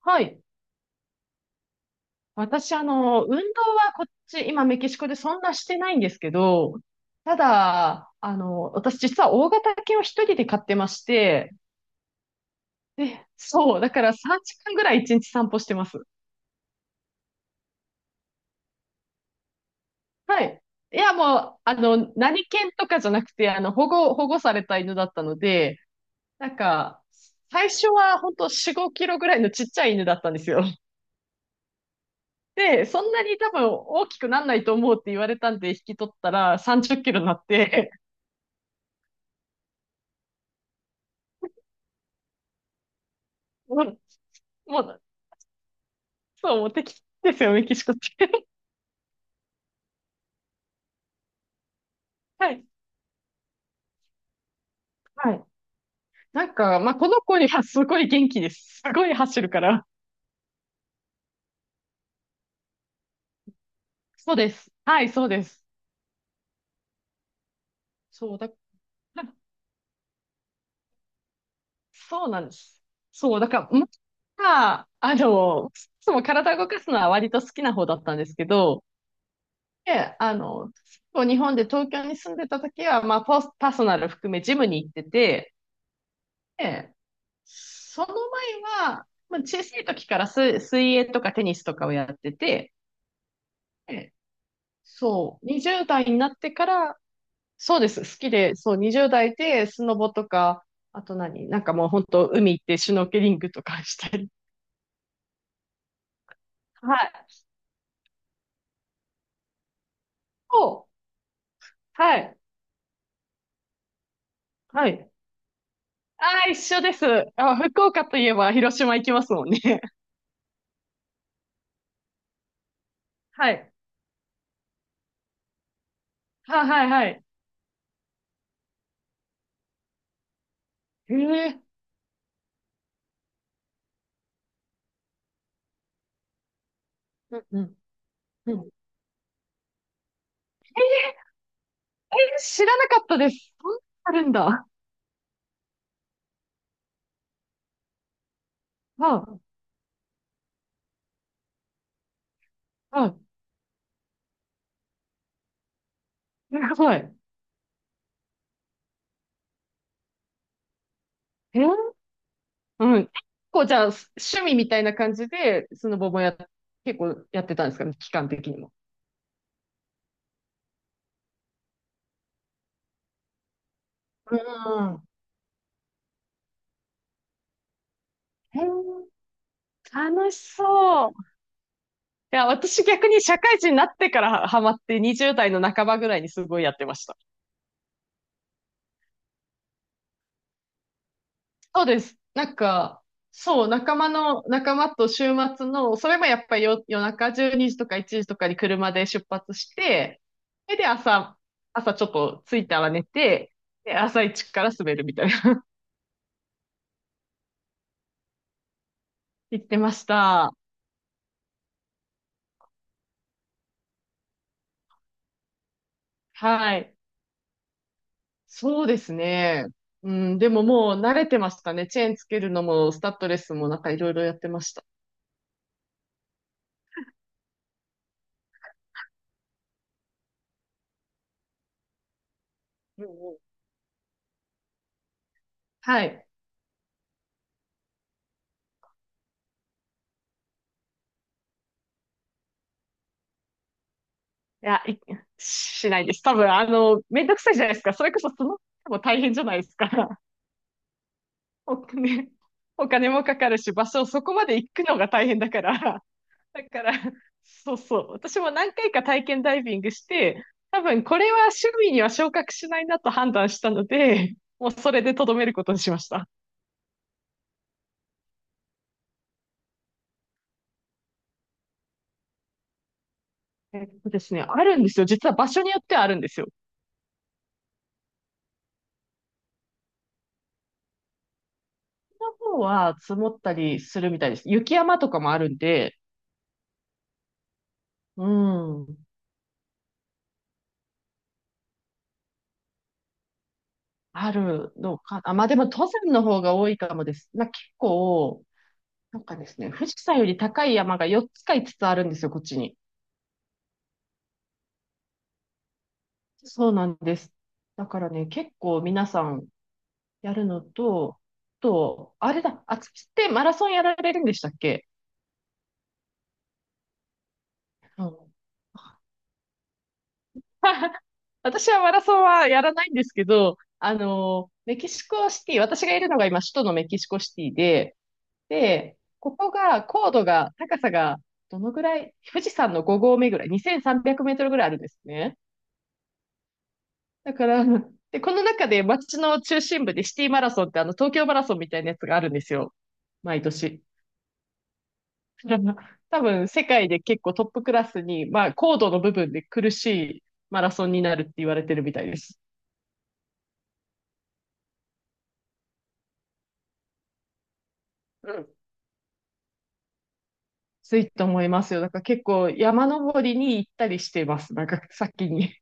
はい。私、運動はこっち、今メキシコでそんなしてないんですけど、ただ、私実は大型犬を一人で飼ってまして、で、そう、だから3時間ぐらい一日散歩してます。はい。いや、もう、何犬とかじゃなくて、保護された犬だったので、なんか、最初は本当4、5キロぐらいのちっちゃい犬だったんですよ。で、そんなに多分大きくなんないと思うって言われたんで引き取ったら30キロになって、もう、そう、もう敵ですよ、メキシコって。はい。はい。なんか、まあ、この子にはすごい元気です。すごい走るから。そうです。はい、そうです。そうだ。そうなんです。そう、だから、まあ、いつも体動かすのは割と好きな方だったんですけど、で、そう日本で東京に住んでた時は、まあ、ポスパーソナル含めジムに行ってて、で、その前は、まあ、小さい時から水泳とかテニスとかをやってて、で、そう、20代になってから、そうです、好きで、そう、20代でスノボとか、あと何、なんかもう本当、海行ってシュノーケリングとかしたり。はい。そう、はい、はい。ああ、一緒です。あ、福岡といえば広島行きますもんね。はい。はい、はい、はい。へえ、うん、うん、うん。え、知らなかったです。そんなのあるんだ。はい、はい。すごい。へえ、うん。こう、じゃあ、趣味みたいな感じで、スノボもや、結構やってたんですかね、期間的にも。うん。へえ、楽しそう。いや、私逆に社会人になってからハマって20代の半ばぐらいにすごいやってました。そうです。なんか、そう、仲間と週末の、それもやっぱり夜中12時とか1時とかに車で出発して、それで朝ちょっと着いたら寝て、で、朝一から滑るみたいな。行ってました。はい。そうですね。うん、でももう慣れてましたね。チェーンつけるのも、スタッドレスもなんかいろいろやってました。うんうん。はい。いや、しないです。多分、めんどくさいじゃないですか。それこそその、も大変じゃないですか。お金、お金もかかるし、場所、そこまで行くのが大変だから。だから、そうそう。私も何回か体験ダイビングして、多分、これは趣味には昇格しないなと判断したので、もうそれでとどめることにしました。えっとですね、あるんですよ。実は場所によってはあるんですよ。この方は積もったりするみたいです。雪山とかもあるんで、うん、あるのかな。まあでも登山の方が多いかもです。まあ結構、なんかですね、富士山より高い山が4つか5つつあるんですよ、こっちに。そうなんです。だからね、結構皆さんやるのと、あと、あれだ、あつきってマラソンやられるんでしたっけ？ 私はマラソンはやらないんですけど、メキシコシティ、私がいるのが今、首都のメキシコシティで、で、ここが、高度が、高さが、どのぐらい、富士山の5合目ぐらい、2300メートルぐらいあるんですね。だから、で、この中で街の中心部でシティマラソンって東京マラソンみたいなやつがあるんですよ。毎年。多分、世界で結構トップクラスに、まあ、高度の部分で苦しいマラソンになるって言われてるみたいです。ついと思いますよ。だから結構山登りに行ったりしてます。なんか先に。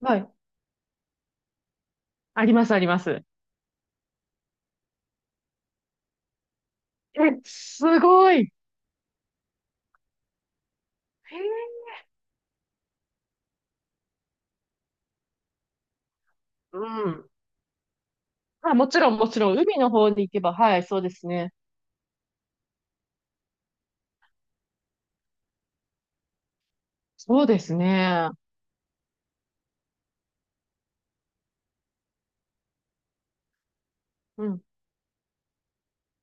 はい。あります、あります。え、すごい。へえ、うん。あ、もちろん、もちろん、海の方に行けば、はい、そうですね。そうですね。うん、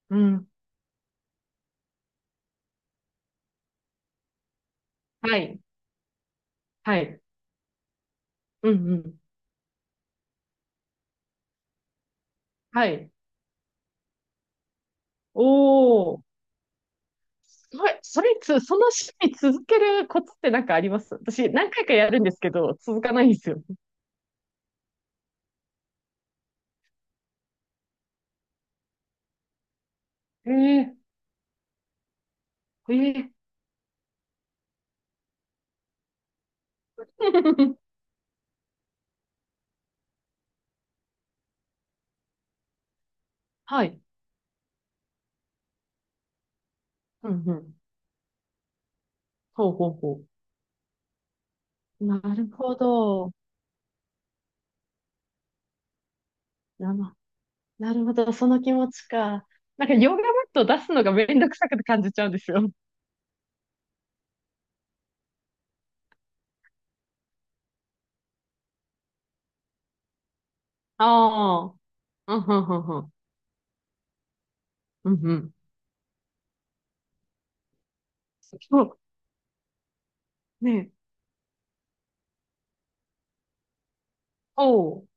うん。はい、はい。うん、うん。はい。おー。すごい。それつ、その趣味続けるコツってなんかあります？私、何回かやるんですけど、続かないんですよ。ええええ。 はい。うん、うん。ほうほうほう。なるほど。なの、なるほど。その気持ちか。なんか、ヨガマットを出すのがめんどくさく感じちゃうんですよ。ああ。うん、うん、うん、うん。うん、うん。そう。ねえ。おう。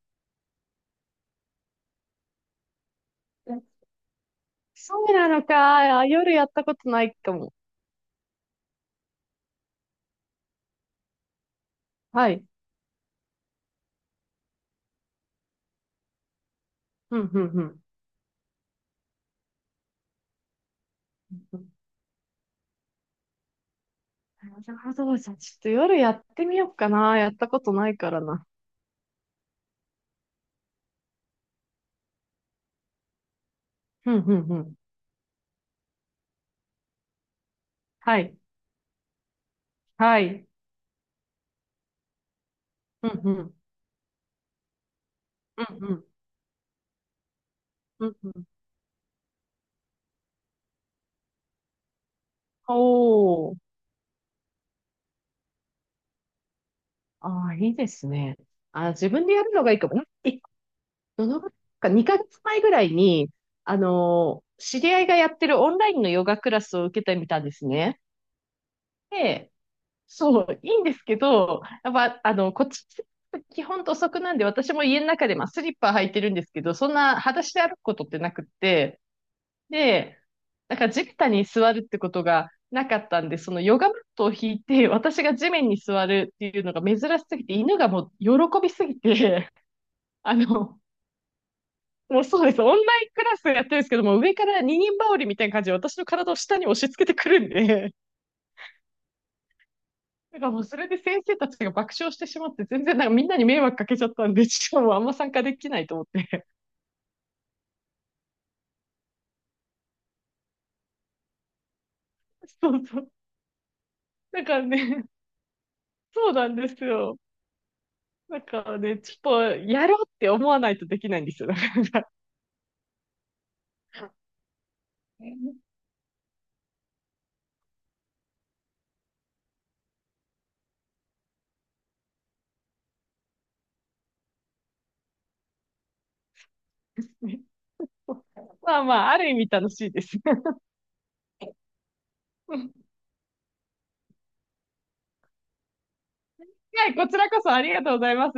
え、そうなのか。あ、夜やったことないかも。はい。うん、うん、うん。うん、なるほど。じゃあ、ちょっと夜やってみようかな。やったことないからな。うん、うん、うん。はい。はい。うん、うん。うん、うん。うん、うん。おー。ああ、いいですね。あ、自分でやるのがいいかも。え、どのぐらいか、2ヶ月前ぐらいに、知り合いがやってるオンラインのヨガクラスを受けてみたんですね。で、そう、いいんですけど、やっぱ、こっち、基本土足なんで、私も家の中で、まあ、スリッパ履いてるんですけど、そんな裸足で歩くことってなくって、で、なんか地べたに座るってことがなかったんで、そのヨガマットを引いて、私が地面に座るっていうのが珍しすぎて、犬がもう喜びすぎて、あの、もうそうです。オンラインクラスやってるんですけども、上から二人羽織みたいな感じで私の体を下に押し付けてくるんで、だからもうそれで先生たちが爆笑してしまって、全然なんかみんなに迷惑かけちゃったんで、ちょっともうあんま参加できないと思って。そうそう。だからね、そうなんですよ。だからね、ちょっとやろうって思わないとできないんですよ。だから。 まあまあ、ある意味楽しいですね。はい、こちらこそありがとうございます。